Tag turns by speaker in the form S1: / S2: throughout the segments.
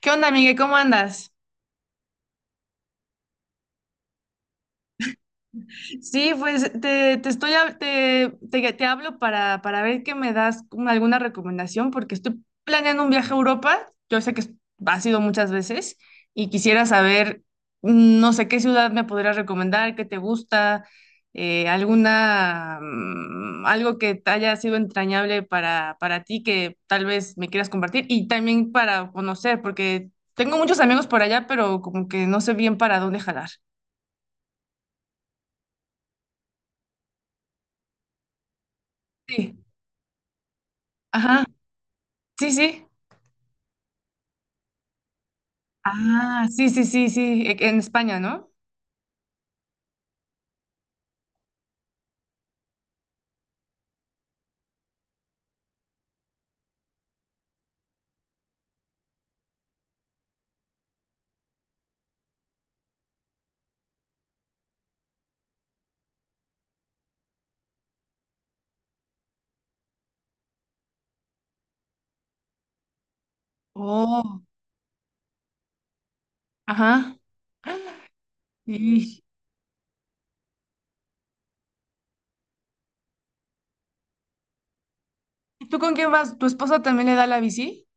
S1: ¿Qué onda, Miguel? ¿Cómo andas? Sí, pues te estoy hab- te hablo para ver que me das como alguna recomendación, porque estoy planeando un viaje a Europa. Yo sé has ido muchas veces y quisiera saber, no sé, qué ciudad me podrías recomendar, qué te gusta, algo que te haya sido entrañable para ti que tal vez me quieras compartir y también para conocer, porque tengo muchos amigos por allá, pero como que no sé bien para dónde jalar. Sí. Ajá, sí, sí. Ah, sí, sí, sí, sí, en España, ¿no? Oh, ajá. ¿Y tú con quién vas? ¿Tu esposa también le da la bici?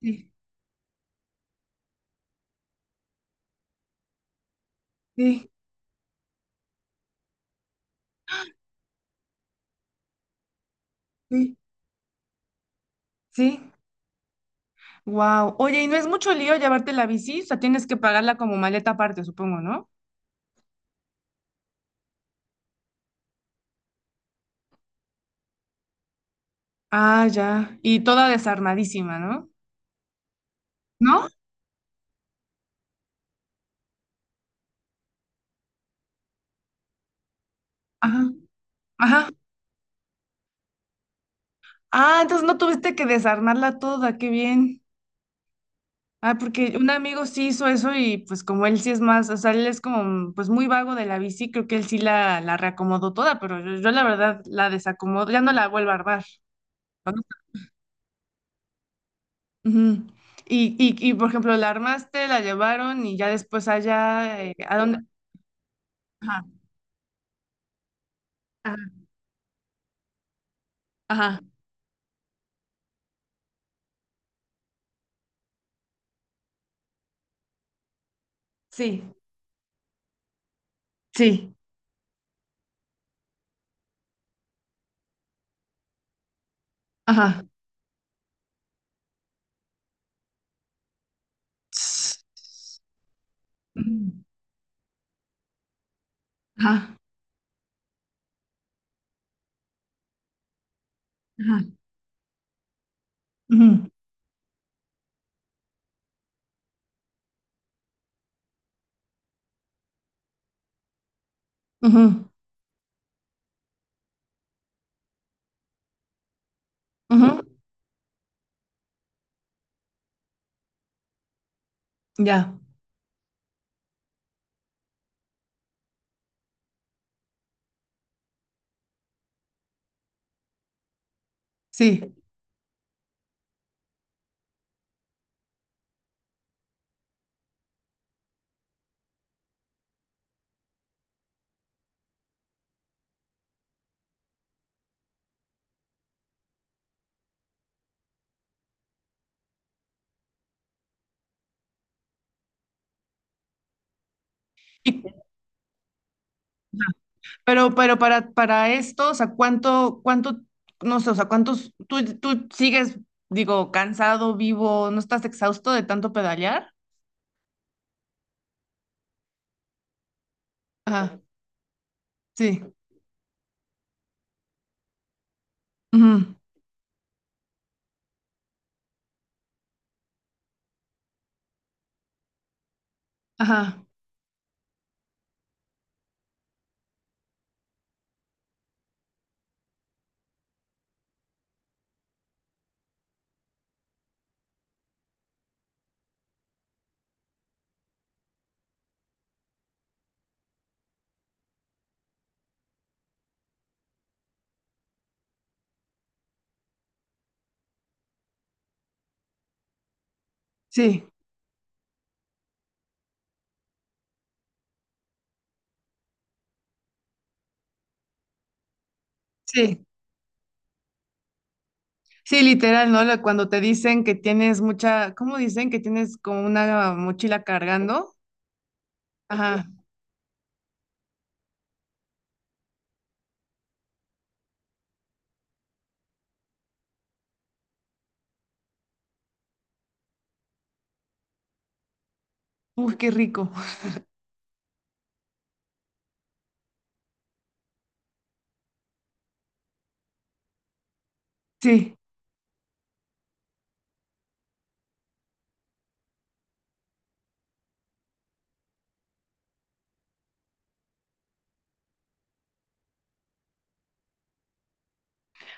S1: Sí, sí, sí, sí. Wow. Oye, y no es mucho lío llevarte la bici, o sea, tienes que pagarla como maleta aparte, supongo, ¿no? Ah, ya. Y toda desarmadísima, ¿no? ¿No? Ajá, ajá. Ah, entonces no tuviste que desarmarla toda, qué bien. Ah, porque un amigo sí hizo eso y pues como él sí es más, o sea, él es como pues muy vago de la bici, creo que él sí la reacomodó toda, pero yo la verdad la desacomodo, ya no la vuelvo a armar. Ujú. Y por ejemplo, la armaste, la llevaron y ya después allá, ¿a dónde? Ajá, ajá, ajá, sí, sí, ajá. Ts- Ujú, ajá, ajá, ujú, ujú, ujú, ya, sí. Y, pero para esto, o sea, ¿cuánto, no sé, o sea, cuántos, tú sigues, digo, cansado, vivo, no estás exhausto de tanto pedalear? Ajá, sí, ujú, ajá, sí, sí, sí, literal, ¿no? Cuando te dicen que tienes mucha, ¿cómo dicen? Que tienes como una mochila cargando. Ajá, uy, qué rico, sí.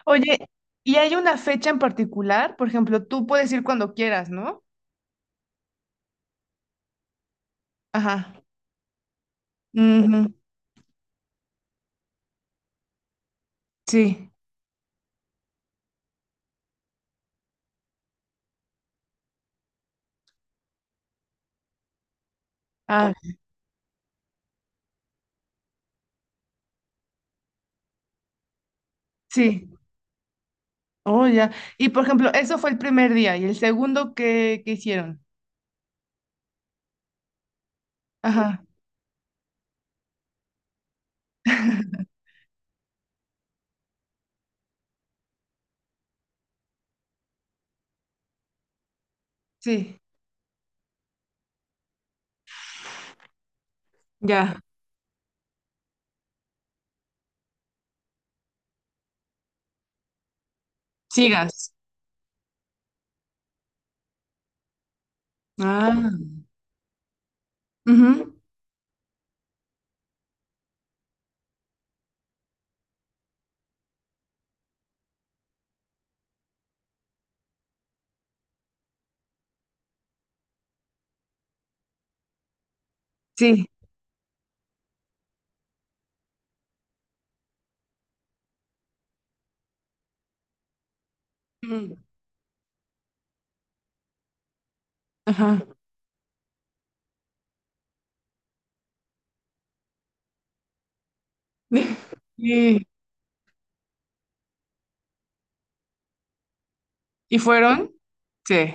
S1: Oye, ¿y hay una fecha en particular? Por ejemplo, tú puedes ir cuando quieras, ¿no? Ajá, ujú, sí, ah, sí. Oh, ya. Y por ejemplo, eso fue el primer día. ¿Y el segundo qué hicieron? Ajá, sí. Ya, sigas. Ah, ujú, sí. Mm, ajá. ¿Y, y fueron? Sí.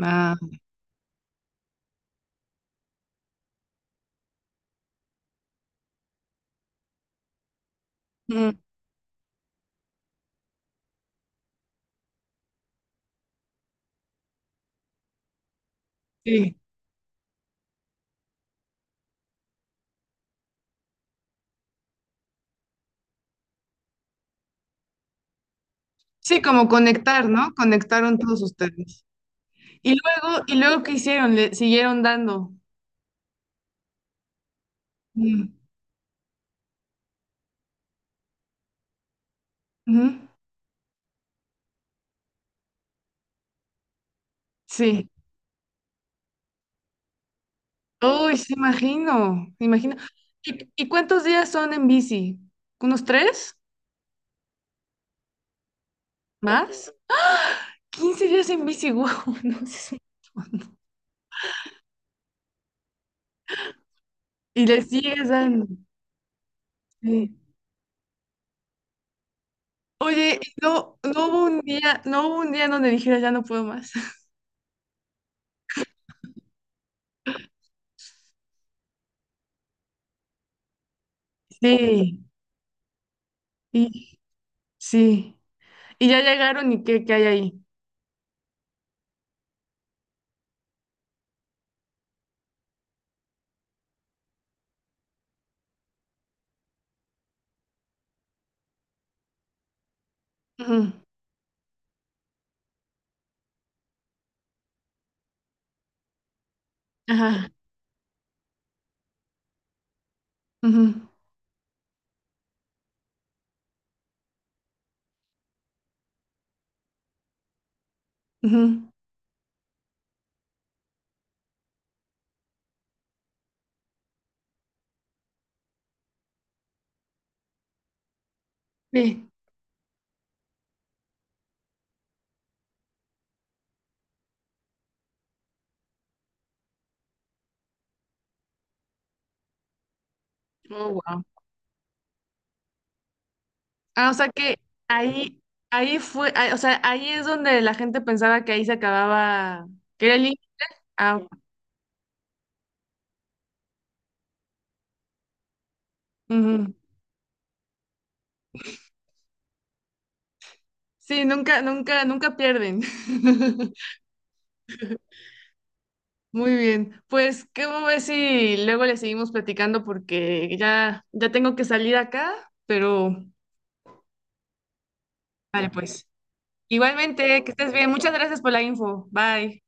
S1: Ah, mm, sí. Sí, como conectar, ¿no? Conectaron todos ustedes. ¿Y luego qué hicieron? Le siguieron dando. Mm, ujú, sí. Uy, sí, imagino, imagino. ¿Y cuántos días son en bici? ¿Unos tres? ¿Más? 15 días en bici, wow, no sé. Y le sigues dando. Sí. Oye, y no hubo un día, en donde dijera ya no puedo más. Sí, y sí. Y ya llegaron y qué hay ahí. Ujú, ajá. Ujú, ujú, sí. Oh, wow. Ah, o sea que ahí, ahí fue, ah, o sea, ahí es donde la gente pensaba que ahí se acababa, que era el límite. Ah, ujú. Sí, nunca, nunca, nunca pierden. Muy bien, pues, ¿cómo ves si luego le seguimos platicando? Porque ya tengo que salir acá, pero vale, pues. Igualmente, que estés bien. Muchas gracias por la info. Bye.